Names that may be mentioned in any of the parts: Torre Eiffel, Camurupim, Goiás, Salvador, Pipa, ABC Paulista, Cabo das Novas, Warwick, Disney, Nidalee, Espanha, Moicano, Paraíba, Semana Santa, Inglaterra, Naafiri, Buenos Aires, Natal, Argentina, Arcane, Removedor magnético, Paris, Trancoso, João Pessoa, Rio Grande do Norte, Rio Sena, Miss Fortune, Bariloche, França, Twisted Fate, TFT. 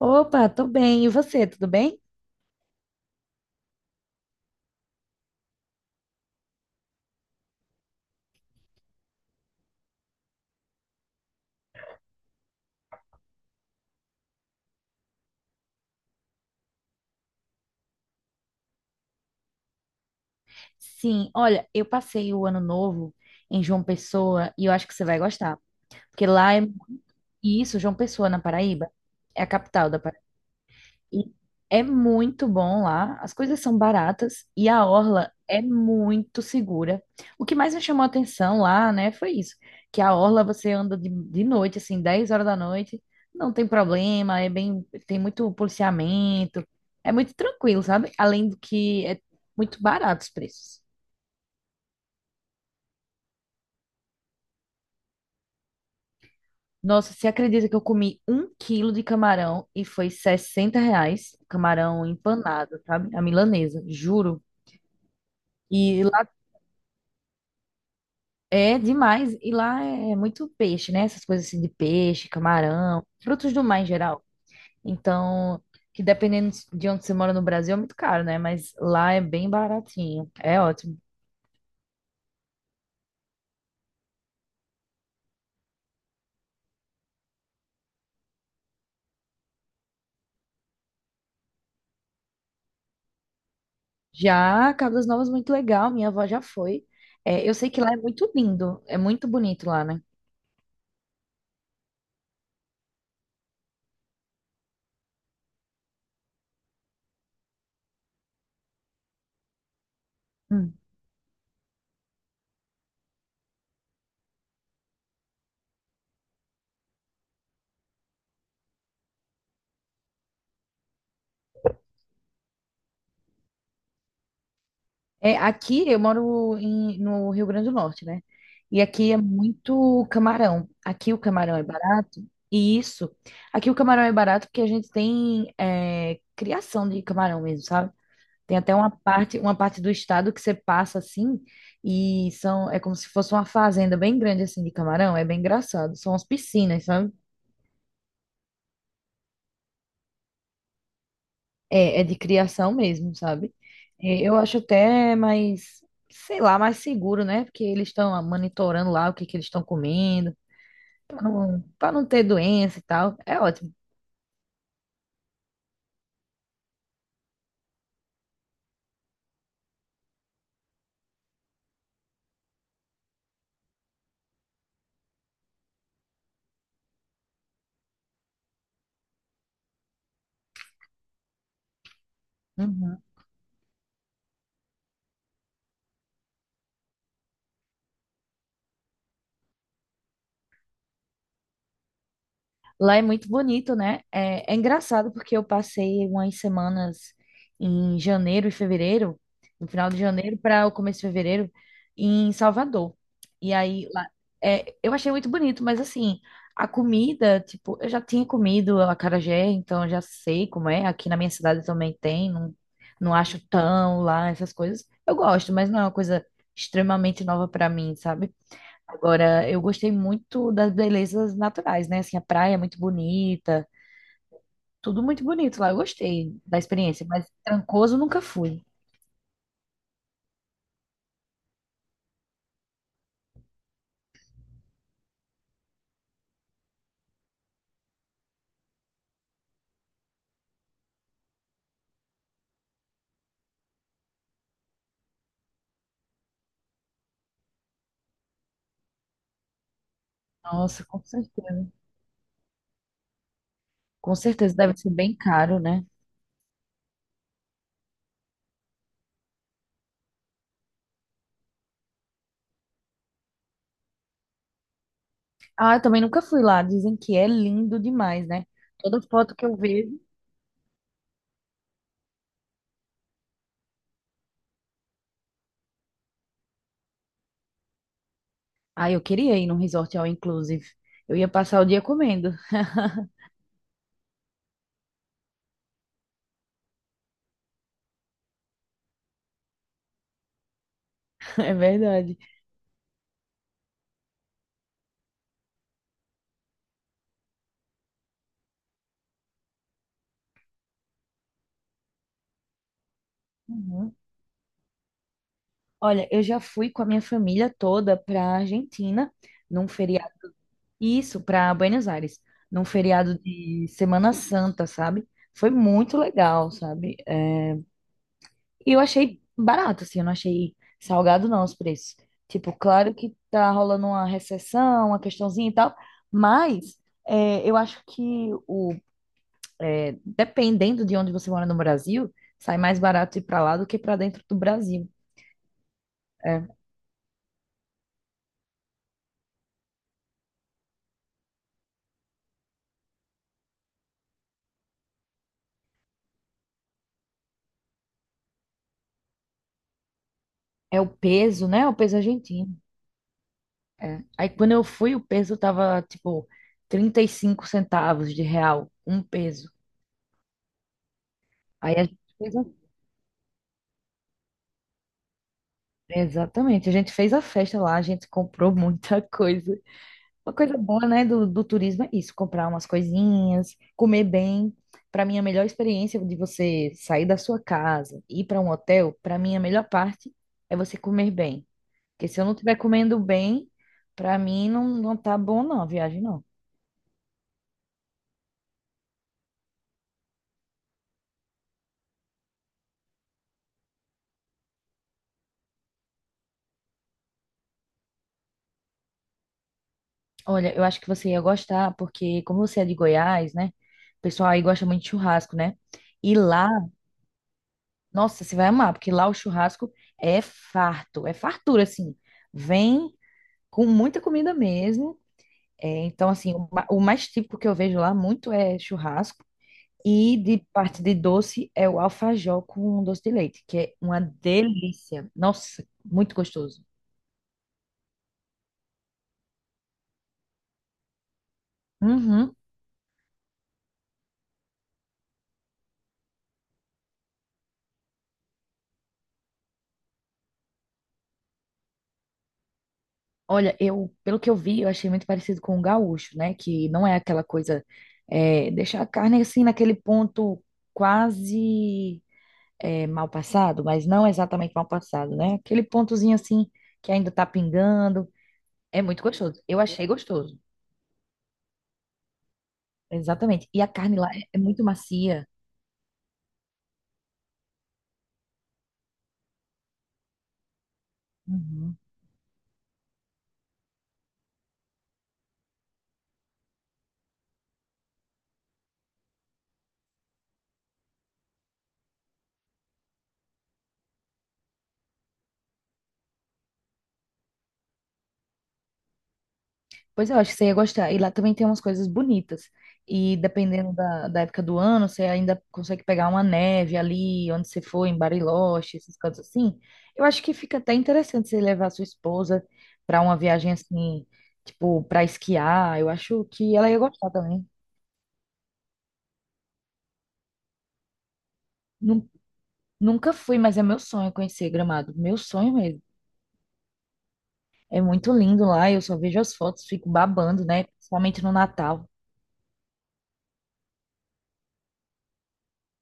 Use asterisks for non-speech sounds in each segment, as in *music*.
Opa, tô bem. E você, tudo bem? Sim, olha, eu passei o ano novo em João Pessoa e eu acho que você vai gostar, porque lá é isso, João Pessoa, na Paraíba, é a capital da Paraíba. E é muito bom lá, as coisas são baratas e a orla é muito segura. O que mais me chamou a atenção lá, né, foi isso, que a orla você anda de noite, assim, 10 horas da noite, não tem problema, é bem, tem muito policiamento, é muito tranquilo, sabe? Além do que é muito barato os preços. Nossa, você acredita que eu comi um quilo de camarão e foi R$ 60? Camarão empanado, sabe? A milanesa, juro. E lá É demais. E lá é muito peixe, né? Essas coisas assim de peixe, camarão, frutos do mar em geral. Então, que dependendo de onde você mora no Brasil é muito caro, né? Mas lá é bem baratinho. É ótimo. Já Cabo das Novas, muito legal. Minha avó já foi. É, eu sei que lá é muito lindo. É muito bonito lá, né? É, aqui eu moro no Rio Grande do Norte, né? E aqui é muito camarão. Aqui o camarão é barato, e isso. Aqui o camarão é barato porque a gente tem é, criação de camarão mesmo, sabe? Tem até uma parte do estado que você passa assim, e são, é como se fosse uma fazenda bem grande assim de camarão. É bem engraçado. São as piscinas, sabe? É, é de criação mesmo, sabe? É, eu acho até mais, sei lá, mais seguro, né? Porque eles estão monitorando lá o que que eles estão comendo, para não ter doença e tal. É ótimo. Uhum. Lá é muito bonito, né? É, é engraçado porque eu passei umas semanas em janeiro e fevereiro, no final de janeiro para o começo de fevereiro, em Salvador. E aí lá, é, eu achei muito bonito, mas assim, a comida, tipo, eu já tinha comido acarajé, então eu já sei como é. Aqui na minha cidade também tem, não, não acho tão lá essas coisas. Eu gosto, mas não é uma coisa extremamente nova para mim, sabe? Agora, eu gostei muito das belezas naturais, né? Assim, a praia é muito bonita, tudo muito bonito lá. Eu gostei da experiência, mas Trancoso nunca fui. Nossa, com certeza. Com certeza deve ser bem caro, né? Ah, eu também nunca fui lá. Dizem que é lindo demais, né? Toda foto que eu vejo. Ah, eu queria ir num resort all inclusive. Eu ia passar o dia comendo. *laughs* É verdade. Uhum. Olha, eu já fui com a minha família toda pra Argentina num feriado Isso, para Buenos Aires, num feriado de Semana Santa, sabe? Foi muito legal, sabe? É, E eu achei barato, assim, eu não achei salgado não os preços. Tipo, claro que tá rolando uma recessão, uma questãozinha e tal, mas é, eu acho que o, é, dependendo de onde você mora no Brasil, sai mais barato ir para lá do que para dentro do Brasil. É, é o peso, né? É o peso argentino. É. Aí quando eu fui, o peso tava tipo 35 centavos de real, um peso. Aí a gente fez a... Exatamente, a gente fez a festa lá, a gente comprou *laughs* muita coisa. Uma coisa boa, né, do turismo é isso, comprar umas coisinhas, comer bem. Para mim, a melhor experiência de você sair da sua casa e ir para um hotel, para mim, a melhor parte é você comer bem. Porque se eu não estiver comendo bem, para mim não tá bom não, a viagem não. Olha, eu acho que você ia gostar, porque como você é de Goiás, né? O pessoal aí gosta muito de churrasco, né? E lá, nossa, você vai amar, porque lá o churrasco é farto, é fartura, assim. Vem com muita comida mesmo. É, então, assim, o mais típico que eu vejo lá muito é churrasco. E de parte de doce é o alfajor com doce de leite, que é uma delícia. Nossa, muito gostoso. Uhum. Olha, eu, pelo que eu vi, eu achei muito parecido com o gaúcho, né? Que não é aquela coisa, é, deixar a carne assim naquele ponto quase é, mal passado, mas não exatamente mal passado, né? Aquele pontozinho assim que ainda tá pingando. É muito gostoso. Eu achei gostoso. Exatamente. E a carne lá é muito macia. Uhum. Pois eu acho que você ia gostar. E lá também tem umas coisas bonitas. E dependendo da época do ano, você ainda consegue pegar uma neve ali, onde você for, em Bariloche, esses cantos assim. Eu acho que fica até interessante você levar a sua esposa para uma viagem assim, tipo, para esquiar. Eu acho que ela ia gostar também. Nun- Nunca fui, mas é meu sonho conhecer Gramado. Meu sonho mesmo. É muito lindo lá, eu só vejo as fotos, fico babando, né? Principalmente no Natal.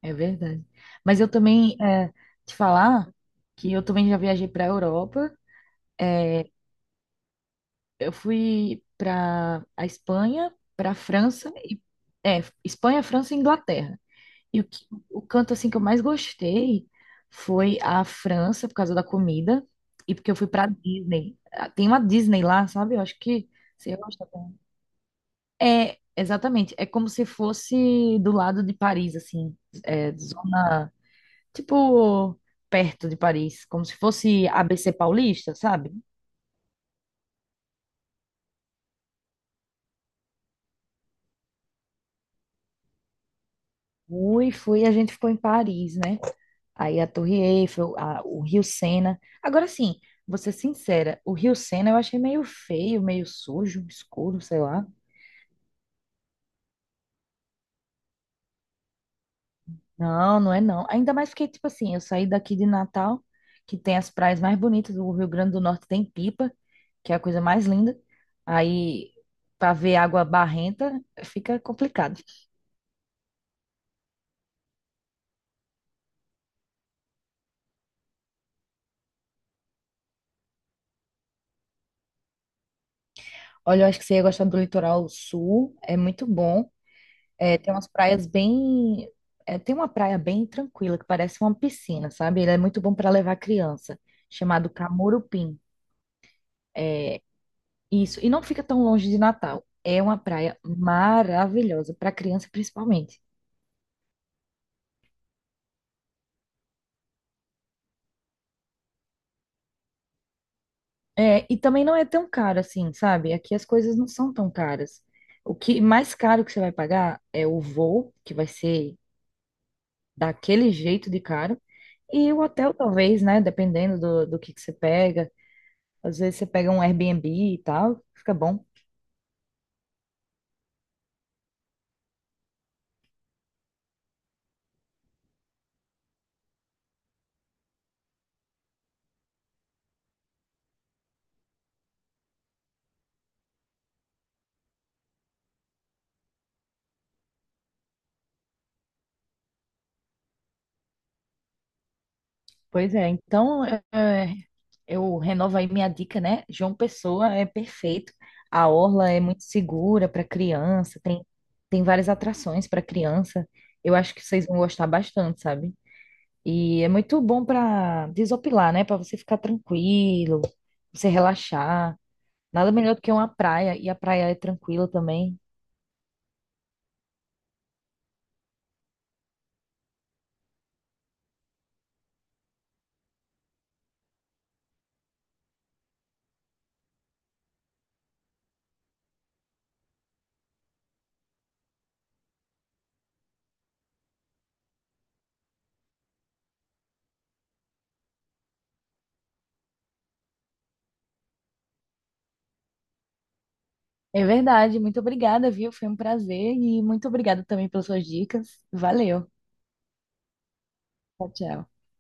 É verdade. Mas eu também, é, te falar que eu também já viajei para a Europa. É, eu fui para a Espanha, para a França, e, é, Espanha, França e Inglaterra. E o canto assim que eu mais gostei foi a França, por causa da comida, e porque eu fui para Disney. Ah, tem uma Disney lá, sabe? Eu acho que você gosta também. É, exatamente. É como se fosse do lado de Paris, assim, é, zona. Tipo, perto de Paris, como se fosse ABC Paulista, sabe? Fui, fui, a gente ficou em Paris, né? Aí a Torre Eiffel, o Rio Sena. Agora sim, vou ser sincera, o Rio Sena eu achei meio feio, meio sujo, escuro, sei lá. Não, não é não. Ainda mais porque, tipo assim, eu saí daqui de Natal, que tem as praias mais bonitas do Rio Grande do Norte, tem Pipa, que é a coisa mais linda. Aí, pra ver água barrenta, fica complicado. Olha, eu acho que você ia gostar do litoral sul, é muito bom. É, tem umas praias bem. É, tem uma praia bem tranquila, que parece uma piscina, sabe? Ele é muito bom para levar criança, chamado Camurupim. Isso, e não fica tão longe de Natal. É uma praia maravilhosa, para criança principalmente. É, e também não é tão caro assim, sabe? Aqui as coisas não são tão caras. O que mais caro que você vai pagar é o voo, que vai ser daquele jeito de caro. E o hotel, talvez, né? Dependendo do que você pega. Às vezes você pega um Airbnb e tal, fica bom. Pois é, então é, eu renovo aí minha dica, né? João Pessoa é perfeito. A orla é muito segura para criança, tem, tem várias atrações para criança. Eu acho que vocês vão gostar bastante, sabe? E é muito bom para desopilar, né? Para você ficar tranquilo, você relaxar. Nada melhor do que uma praia, e a praia é tranquila também. É verdade. Muito obrigada, viu? Foi um prazer e muito obrigada também pelas suas dicas. Valeu. Tchau, tchau.